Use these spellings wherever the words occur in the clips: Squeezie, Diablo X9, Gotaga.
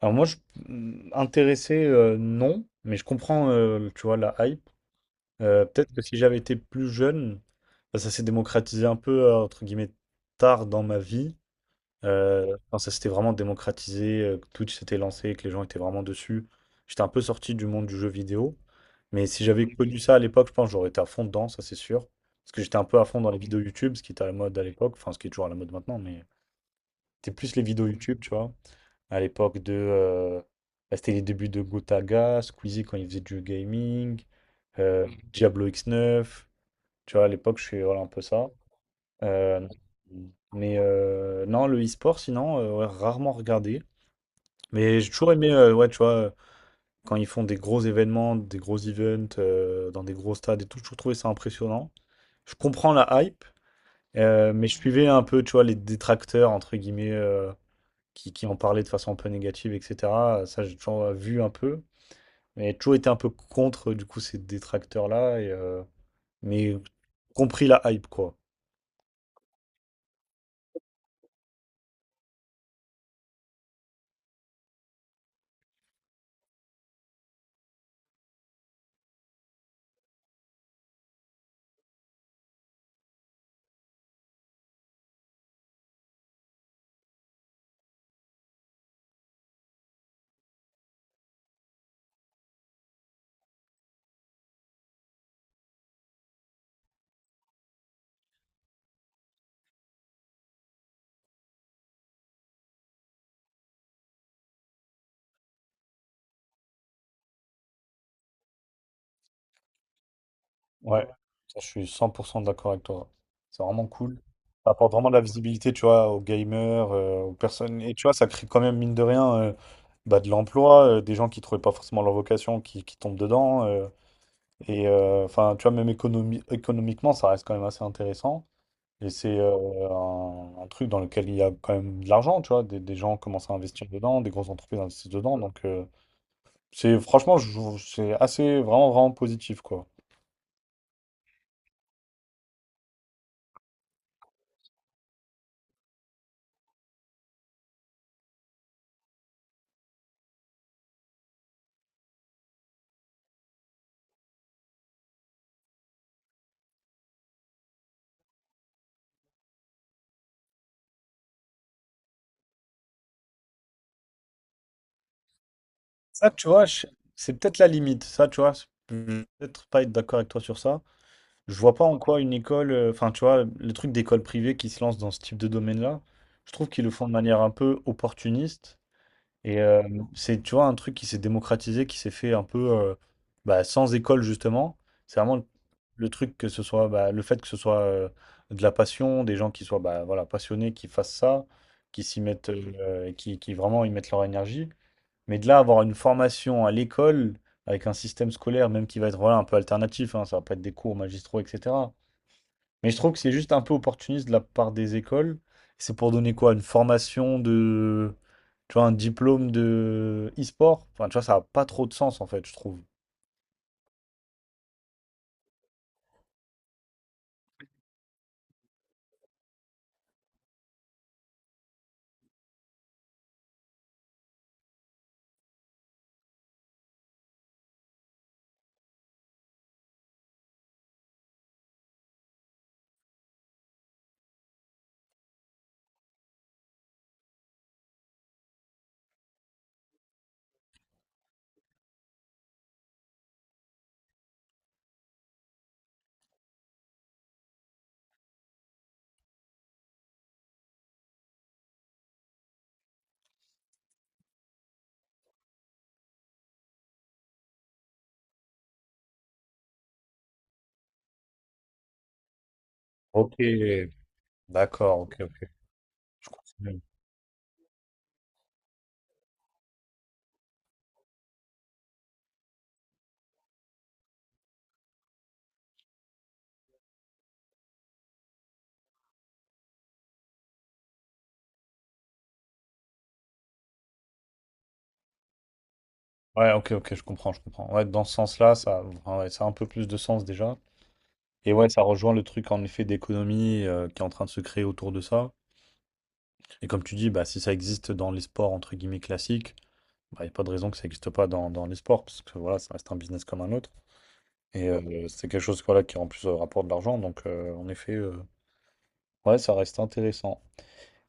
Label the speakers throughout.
Speaker 1: Alors moi, intéressé, non, mais je comprends, tu vois, la hype. Peut-être que si j'avais été plus jeune, bah, ça s'est démocratisé un peu, entre guillemets, tard dans ma vie. Quand ça s'était vraiment démocratisé, que Twitch s'était lancé, que les gens étaient vraiment dessus. J'étais un peu sorti du monde du jeu vidéo. Mais si j'avais connu ça à l'époque, je pense que j'aurais été à fond dedans, ça c'est sûr. Parce que j'étais un peu à fond dans les vidéos YouTube, ce qui était à la mode à l'époque, enfin ce qui est toujours à la mode maintenant, mais c'était plus les vidéos YouTube, tu vois à l'époque de. Bah, c'était les débuts de Gotaga, Squeezie quand il faisait du gaming, Mhm. Diablo X9. Tu vois, à l'époque, je suis voilà, un peu ça. Euh, mais non, le e-sport, sinon, ouais, rarement regardé. Mais j'ai toujours aimé, ouais, tu vois, quand ils font des gros événements, des gros events, dans des gros stades et tout, j'ai toujours trouvé ça impressionnant. Je comprends la hype, mais je suivais un peu, tu vois, les détracteurs, entre guillemets, qui en parlaient de façon un peu négative, et cetera. Ça, j'ai toujours, vu un peu, mais j'ai toujours été un peu contre, du coup, ces détracteurs-là mais compris la hype, quoi. Ouais, ça, je suis 100% d'accord avec toi. C'est vraiment cool. Ça apporte vraiment de la visibilité, tu vois, aux gamers, aux personnes. Et tu vois, ça crée quand même, mine de rien, bah, de l'emploi, des gens qui trouvaient pas forcément leur vocation, qui tombent dedans. Enfin, tu vois, même économiquement, ça reste quand même assez intéressant. Et c'est un truc dans lequel il y a quand même de l'argent, tu vois. Des gens commencent à investir dedans, des grosses entreprises investissent dedans. Donc, c'est franchement, c'est assez vraiment, vraiment positif, quoi. Ça, tu vois, c'est peut-être la limite. Ça, tu vois, je vais peut-être pas être d'accord avec toi sur ça. Je vois pas en quoi une école, enfin, tu vois, le truc d'école privée qui se lance dans ce type de domaine-là, je trouve qu'ils le font de manière un peu opportuniste. Et euh, c'est, tu vois, un truc qui s'est démocratisé, qui s'est fait un peu bah, sans école, justement. C'est vraiment le truc que ce soit, bah, le fait que ce soit de la passion, des gens qui soient bah, voilà, passionnés, qui fassent ça, qui s'y mettent, et qui vraiment y mettent leur énergie. Mais de là, avoir une formation à l'école, avec un système scolaire, même qui va être voilà, un peu alternatif, hein, ça va pas être des cours magistraux, etc. Mais je trouve que c'est juste un peu opportuniste de la part des écoles. C'est pour donner quoi? Une formation de. Tu vois, un diplôme de e-sport? Enfin, tu vois, ça n'a pas trop de sens, en fait, je trouve. Ok. D'accord, ok, ok. Ouais, ok, ok, je comprends, je comprends. Ouais, dans ce sens-là, ça, enfin, ouais, ça a un peu plus de sens déjà. Et ouais, ça rejoint le truc en effet d'économie, qui est en train de se créer autour de ça. Et comme tu dis, bah, si ça existe dans les sports entre guillemets classiques, il n'y a pas de raison que ça n'existe pas dans les sports, parce que voilà, ça reste un business comme un autre. C'est quelque chose voilà, qui en plus, rapporte de l'argent, donc, en effet, ouais, ça reste intéressant.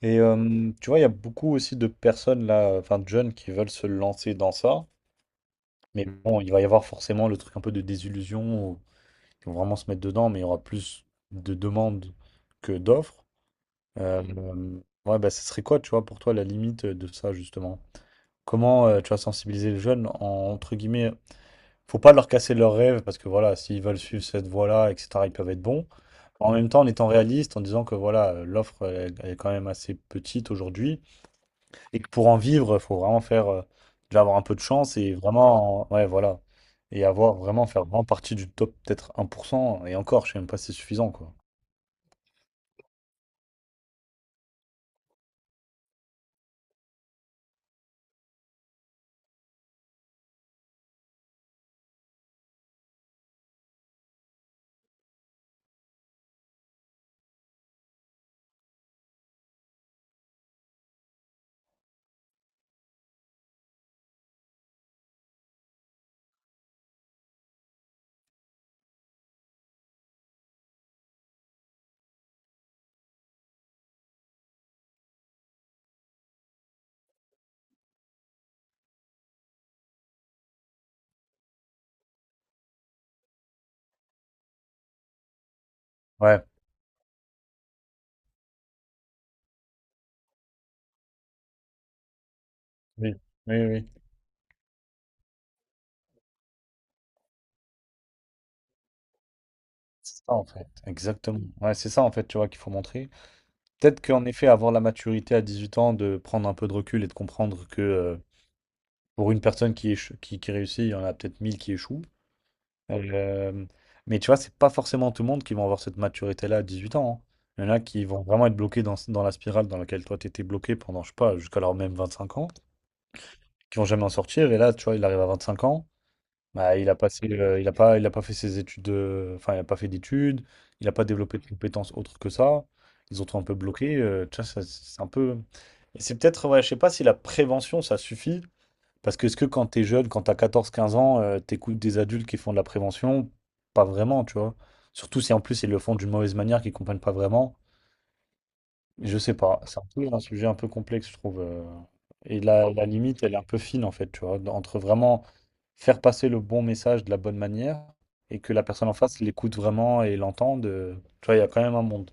Speaker 1: Tu vois, il y a beaucoup aussi de personnes là, enfin de jeunes qui veulent se lancer dans ça, mais bon, il va y avoir forcément le truc un peu de désillusion, où ils vont vraiment se mettre dedans, mais il y aura plus de demandes que d'offres. Euh, euh, ouais, bah, ce serait quoi, tu vois, pour toi, la limite de ça, justement? Comment tu vas sensibiliser les jeunes entre guillemets, faut pas leur casser leurs rêves parce que voilà, s'ils veulent suivre cette voie-là, etc., ils peuvent être bons. En même temps, en étant réaliste, en disant que voilà, l'offre elle est quand même assez petite aujourd'hui et que pour en vivre, il faut vraiment faire, déjà avoir un peu de chance et vraiment, ouais, voilà, et avoir vraiment faire vraiment partie du top, peut-être 1%. Et encore, je sais même pas si c'est suffisant quoi. Ouais, oui, oui, oui. C'est ça en fait. Exactement. Ouais, c'est ça en fait, tu vois, qu'il faut montrer. Peut-être qu'en effet, avoir la maturité à 18 ans, de prendre un peu de recul et de comprendre que pour une personne qui réussit, il y en a peut-être 1000 qui échouent. Euh, mais tu vois, c'est pas forcément tout le monde qui va avoir cette maturité-là à 18 ans, hein. Il y en a qui vont vraiment être bloqués dans la spirale dans laquelle toi t'étais bloqué pendant, je sais pas, jusqu'à leur même 25 ans, qui vont jamais en sortir. Et là, tu vois, il arrive à 25 ans, bah, il a passé, il a pas fait ses études, enfin, il a pas fait d'études, il a pas développé de compétences autres que ça. Ils ont trouvé un peu bloqué. Tu vois, ça, c'est un peu. Et c'est peut-être, ouais, je sais pas si la prévention, ça suffit. Parce que est-ce que quand t'es jeune, quand t'as 14, 15 ans, t'écoutes des adultes qui font de la prévention? Pas vraiment, tu vois. Surtout si en plus ils le font d'une mauvaise manière, qu'ils comprennent pas vraiment. Je sais pas. C'est un peu un sujet un peu complexe, je trouve. Et la limite, elle est un peu fine, en fait, tu vois, entre vraiment faire passer le bon message de la bonne manière et que la personne en face l'écoute vraiment et l'entende, tu vois, il y a quand même un monde.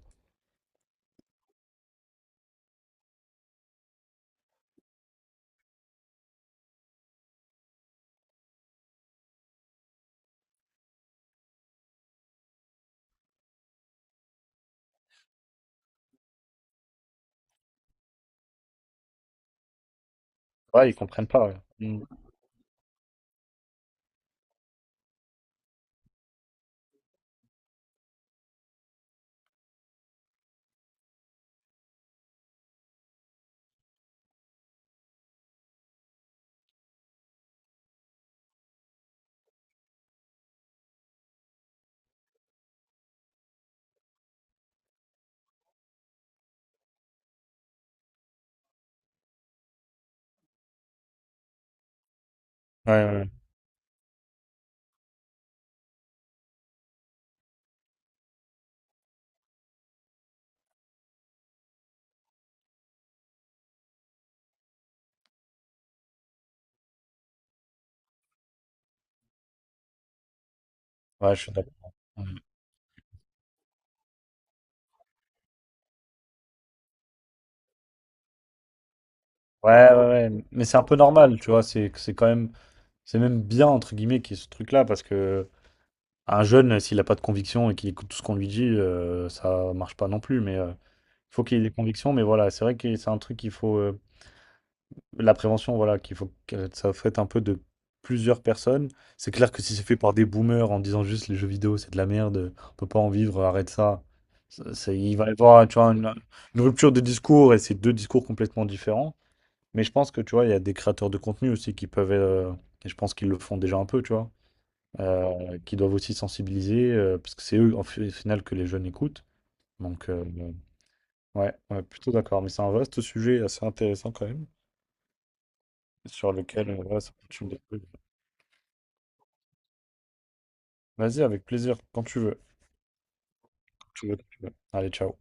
Speaker 1: Ouais, ils comprennent pas, ouais. Mmh. Ouais, ouais, ouais. Ouais, je suis d'accord. Mmh. Ouais, ouais, ouais, mais c'est un peu normal, tu vois? C'est quand même, c'est même «bien» entre guillemets qu'il y ait ce truc-là parce que un jeune, s'il a pas de conviction et qu'il écoute tout ce qu'on lui dit, ça marche pas non plus mais il faut qu'il ait des convictions mais voilà, c'est vrai que c'est un truc qu'il faut, la prévention, voilà, qu'il faut que ça fasse un peu de plusieurs personnes. C'est clair que si c'est fait par des boomers en disant juste les jeux vidéo, c'est de la merde, on peut pas en vivre, arrête ça. Il va y avoir, tu vois, une rupture de discours et c'est deux discours complètement différents. Mais je pense que, tu vois, il y a des créateurs de contenu aussi qui peuvent, et je pense qu'ils le font déjà un peu, tu vois, qui doivent aussi sensibiliser, parce que c'est eux, au final, que les jeunes écoutent. Donc, ouais, ouais, plutôt d'accord. Mais c'est un vaste sujet assez intéressant quand même, sur lequel, ouais, ça continue. Vas-y, avec plaisir, quand tu veux. Tu veux, tu veux. Allez, ciao.